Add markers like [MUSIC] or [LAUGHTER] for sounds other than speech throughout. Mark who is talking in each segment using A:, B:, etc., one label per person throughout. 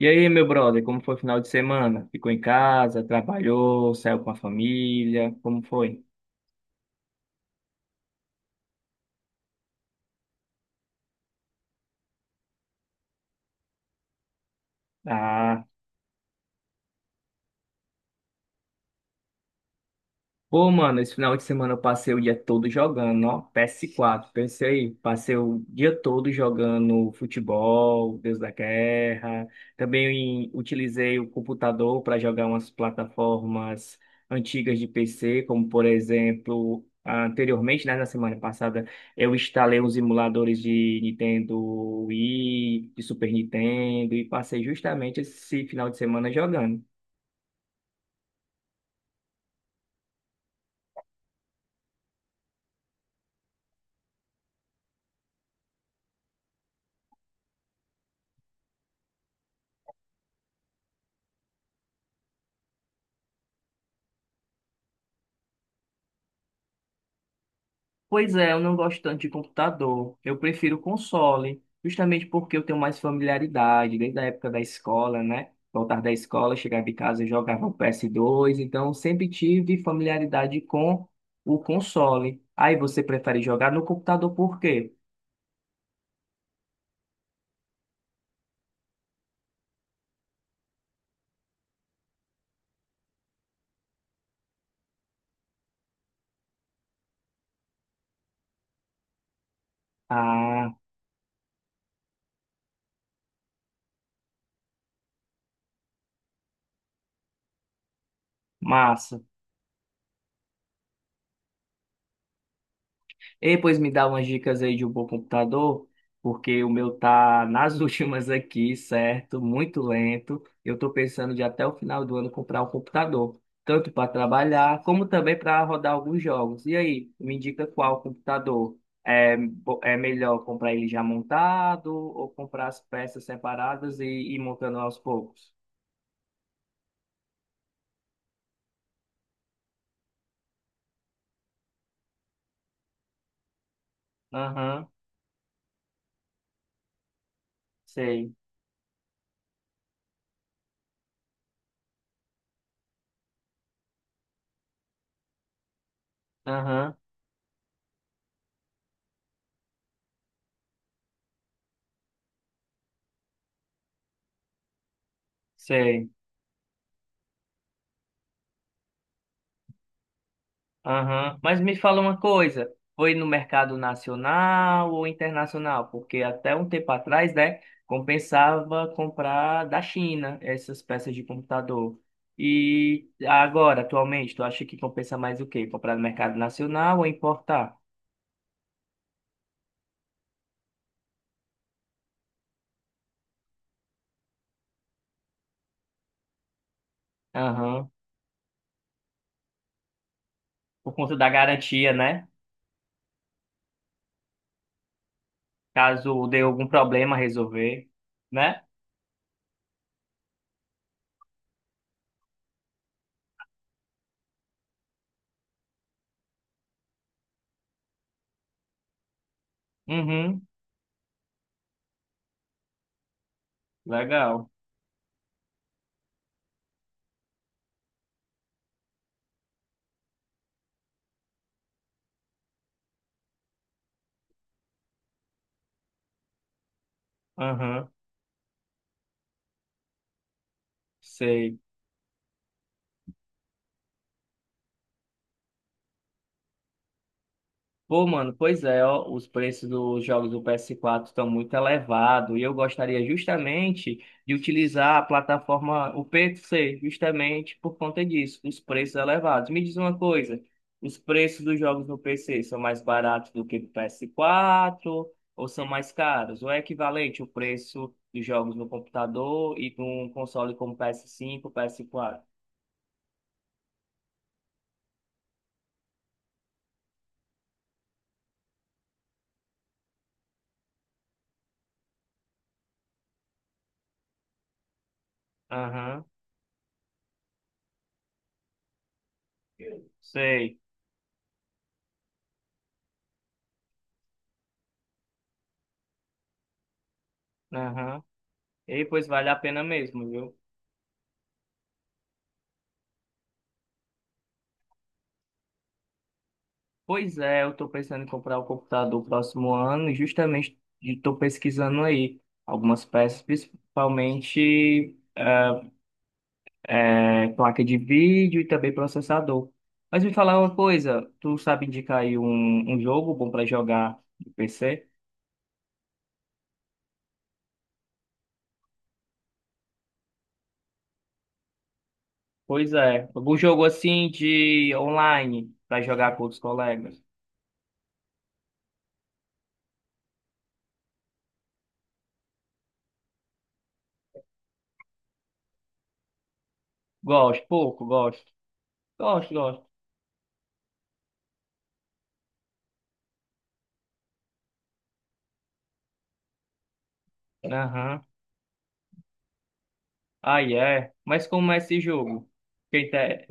A: E aí, meu brother, como foi o final de semana? Ficou em casa, trabalhou, saiu com a família? Como foi? Ah. Pô, mano, esse final de semana eu passei o dia todo jogando, ó, PS4, pensei, aí, passei o dia todo jogando futebol, Deus da Guerra, também utilizei o computador para jogar umas plataformas antigas de PC, como por exemplo, anteriormente, né, na semana passada, eu instalei uns emuladores de Nintendo Wii, de Super Nintendo, e passei justamente esse final de semana jogando. Pois é, eu não gosto tanto de computador. Eu prefiro console, justamente porque eu tenho mais familiaridade, desde a época da escola, né? Voltar da escola, chegar de casa, eu jogava o PS2, então sempre tive familiaridade com o console. Aí você prefere jogar no computador por quê? Ah, massa. E pois me dá umas dicas aí de um bom computador, porque o meu tá [LAUGHS] nas últimas aqui, certo? Muito lento. Eu tô pensando de até o final do ano comprar um computador, tanto para trabalhar como também para rodar alguns jogos. E aí, me indica qual computador? É melhor comprar ele já montado ou comprar as peças separadas e ir montando aos poucos? Aham, sei. Aham, sei. Aham. Mas me fala uma coisa, foi no mercado nacional ou internacional? Porque até um tempo atrás, né, compensava comprar da China essas peças de computador. E agora, atualmente, tu acha que compensa mais o quê? Comprar no mercado nacional ou importar? Aham. Por conta da garantia, né? Caso dê algum problema resolver, né? Uhum. Legal. Aham. Sei. Pô, mano, pois é, ó, os preços dos jogos do PS4 estão muito elevados e eu gostaria justamente de utilizar a plataforma, o PC, justamente por conta disso, os preços elevados. Me diz uma coisa, os preços dos jogos no PC são mais baratos do que do PS4 ou são mais caros? Ou é equivalente o preço dos jogos no computador e de um console como PS5, PS4? Aham, sei, aham. E pois vale a pena mesmo, viu? Pois é, eu estou pensando em comprar o computador no próximo ano e justamente estou pesquisando aí algumas peças, principalmente placa de vídeo e também processador. Mas me falar uma coisa, tu sabe indicar aí um jogo bom para jogar no PC? Pois é, algum jogo assim de online para jogar com outros colegas? Gosto, pouco, gosto. Gosto, gosto. Aham. Aí é. Mas como é esse jogo? Que inte- é-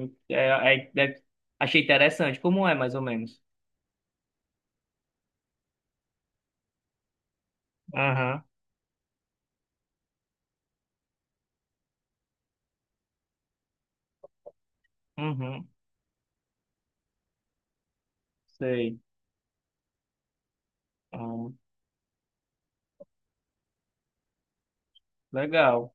A: é- deve- Achei interessante. Como é, mais ou menos? Aham, uhum. Sei. Ah, legal.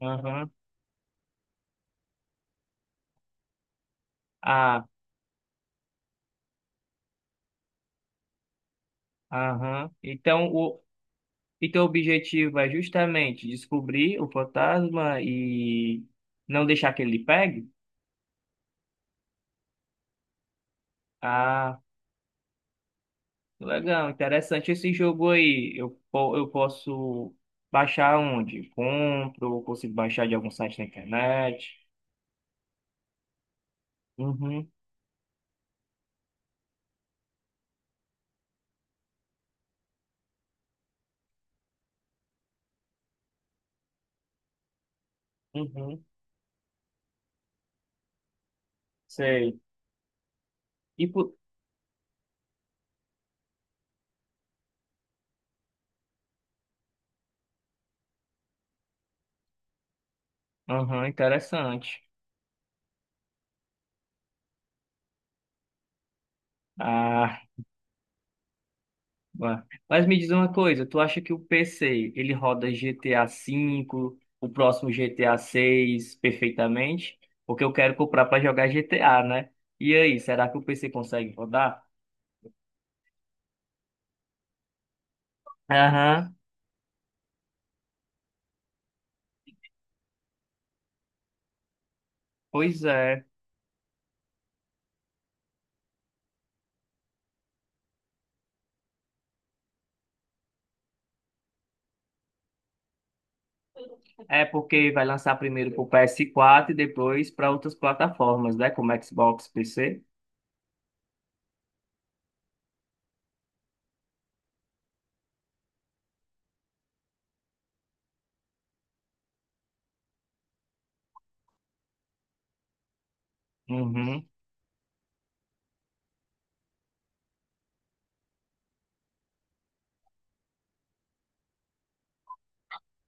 A: Aham. Ah, aham. Então, o objetivo é justamente descobrir o fantasma e não deixar que ele lhe pegue? Ah, legal. Interessante esse jogo aí. Eu posso baixar onde? Compro? Consigo baixar de algum site na internet? Uhum. Uhum, sei. E por... Aham, interessante. Ah, ué. Mas me diz uma coisa, tu acha que o PC, ele roda GTA V, o próximo GTA 6 perfeitamente? Porque eu quero comprar para jogar GTA, né? E aí, será que o PC consegue rodar? Aham, pois é. É porque vai lançar primeiro para pro PS4 e depois para outras plataformas, né? Como Xbox, PC. Uhum,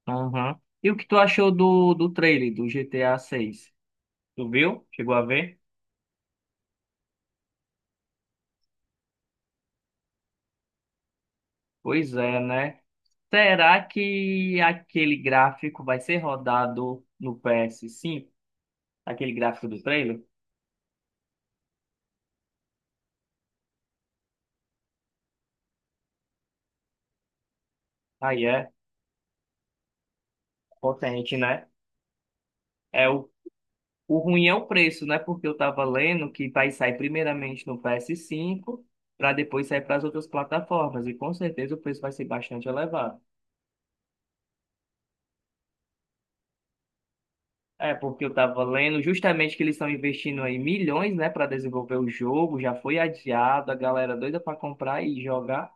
A: aham. E o que tu achou do trailer do GTA VI? Tu viu? Chegou a ver? Pois é, né? Será que aquele gráfico vai ser rodado no PS5? Aquele gráfico do trailer? Aí é potente, né? É o, o ruim é o preço, né? Porque eu tava lendo que vai sair primeiramente no PS5 para depois sair para as outras plataformas. E com certeza o preço vai ser bastante elevado. É, porque eu tava lendo justamente que eles estão investindo aí milhões, né, para desenvolver o jogo, já foi adiado, a galera doida para comprar e jogar.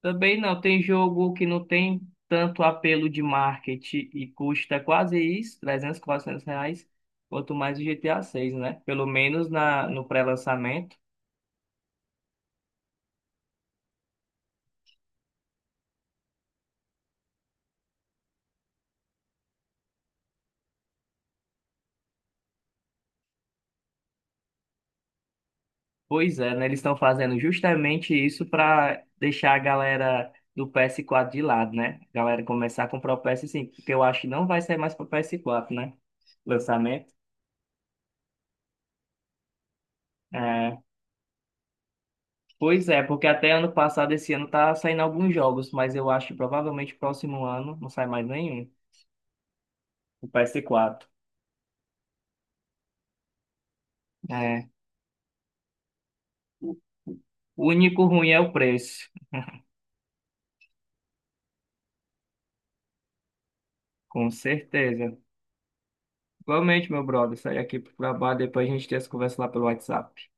A: Também não, tem jogo que não tem tanto apelo de marketing e custa quase isso, 300 400 reais, quanto mais o GTA 6, né? Pelo menos no pré-lançamento. Pois é, né? Eles estão fazendo justamente isso para deixar a galera do PS4 de lado, né? A galera começar a comprar o PS5, porque eu acho que não vai sair mais para o PS4, né? Lançamento. É, pois é, porque até ano passado, esse ano, tá saindo alguns jogos, mas eu acho que provavelmente próximo ano não sai mais nenhum. O PS4. É. O único ruim é o preço, com certeza. Igualmente, meu brother, sai aqui pro trabalho, depois a gente tem essa conversa lá pelo WhatsApp.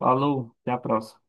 A: Falou, até a próxima.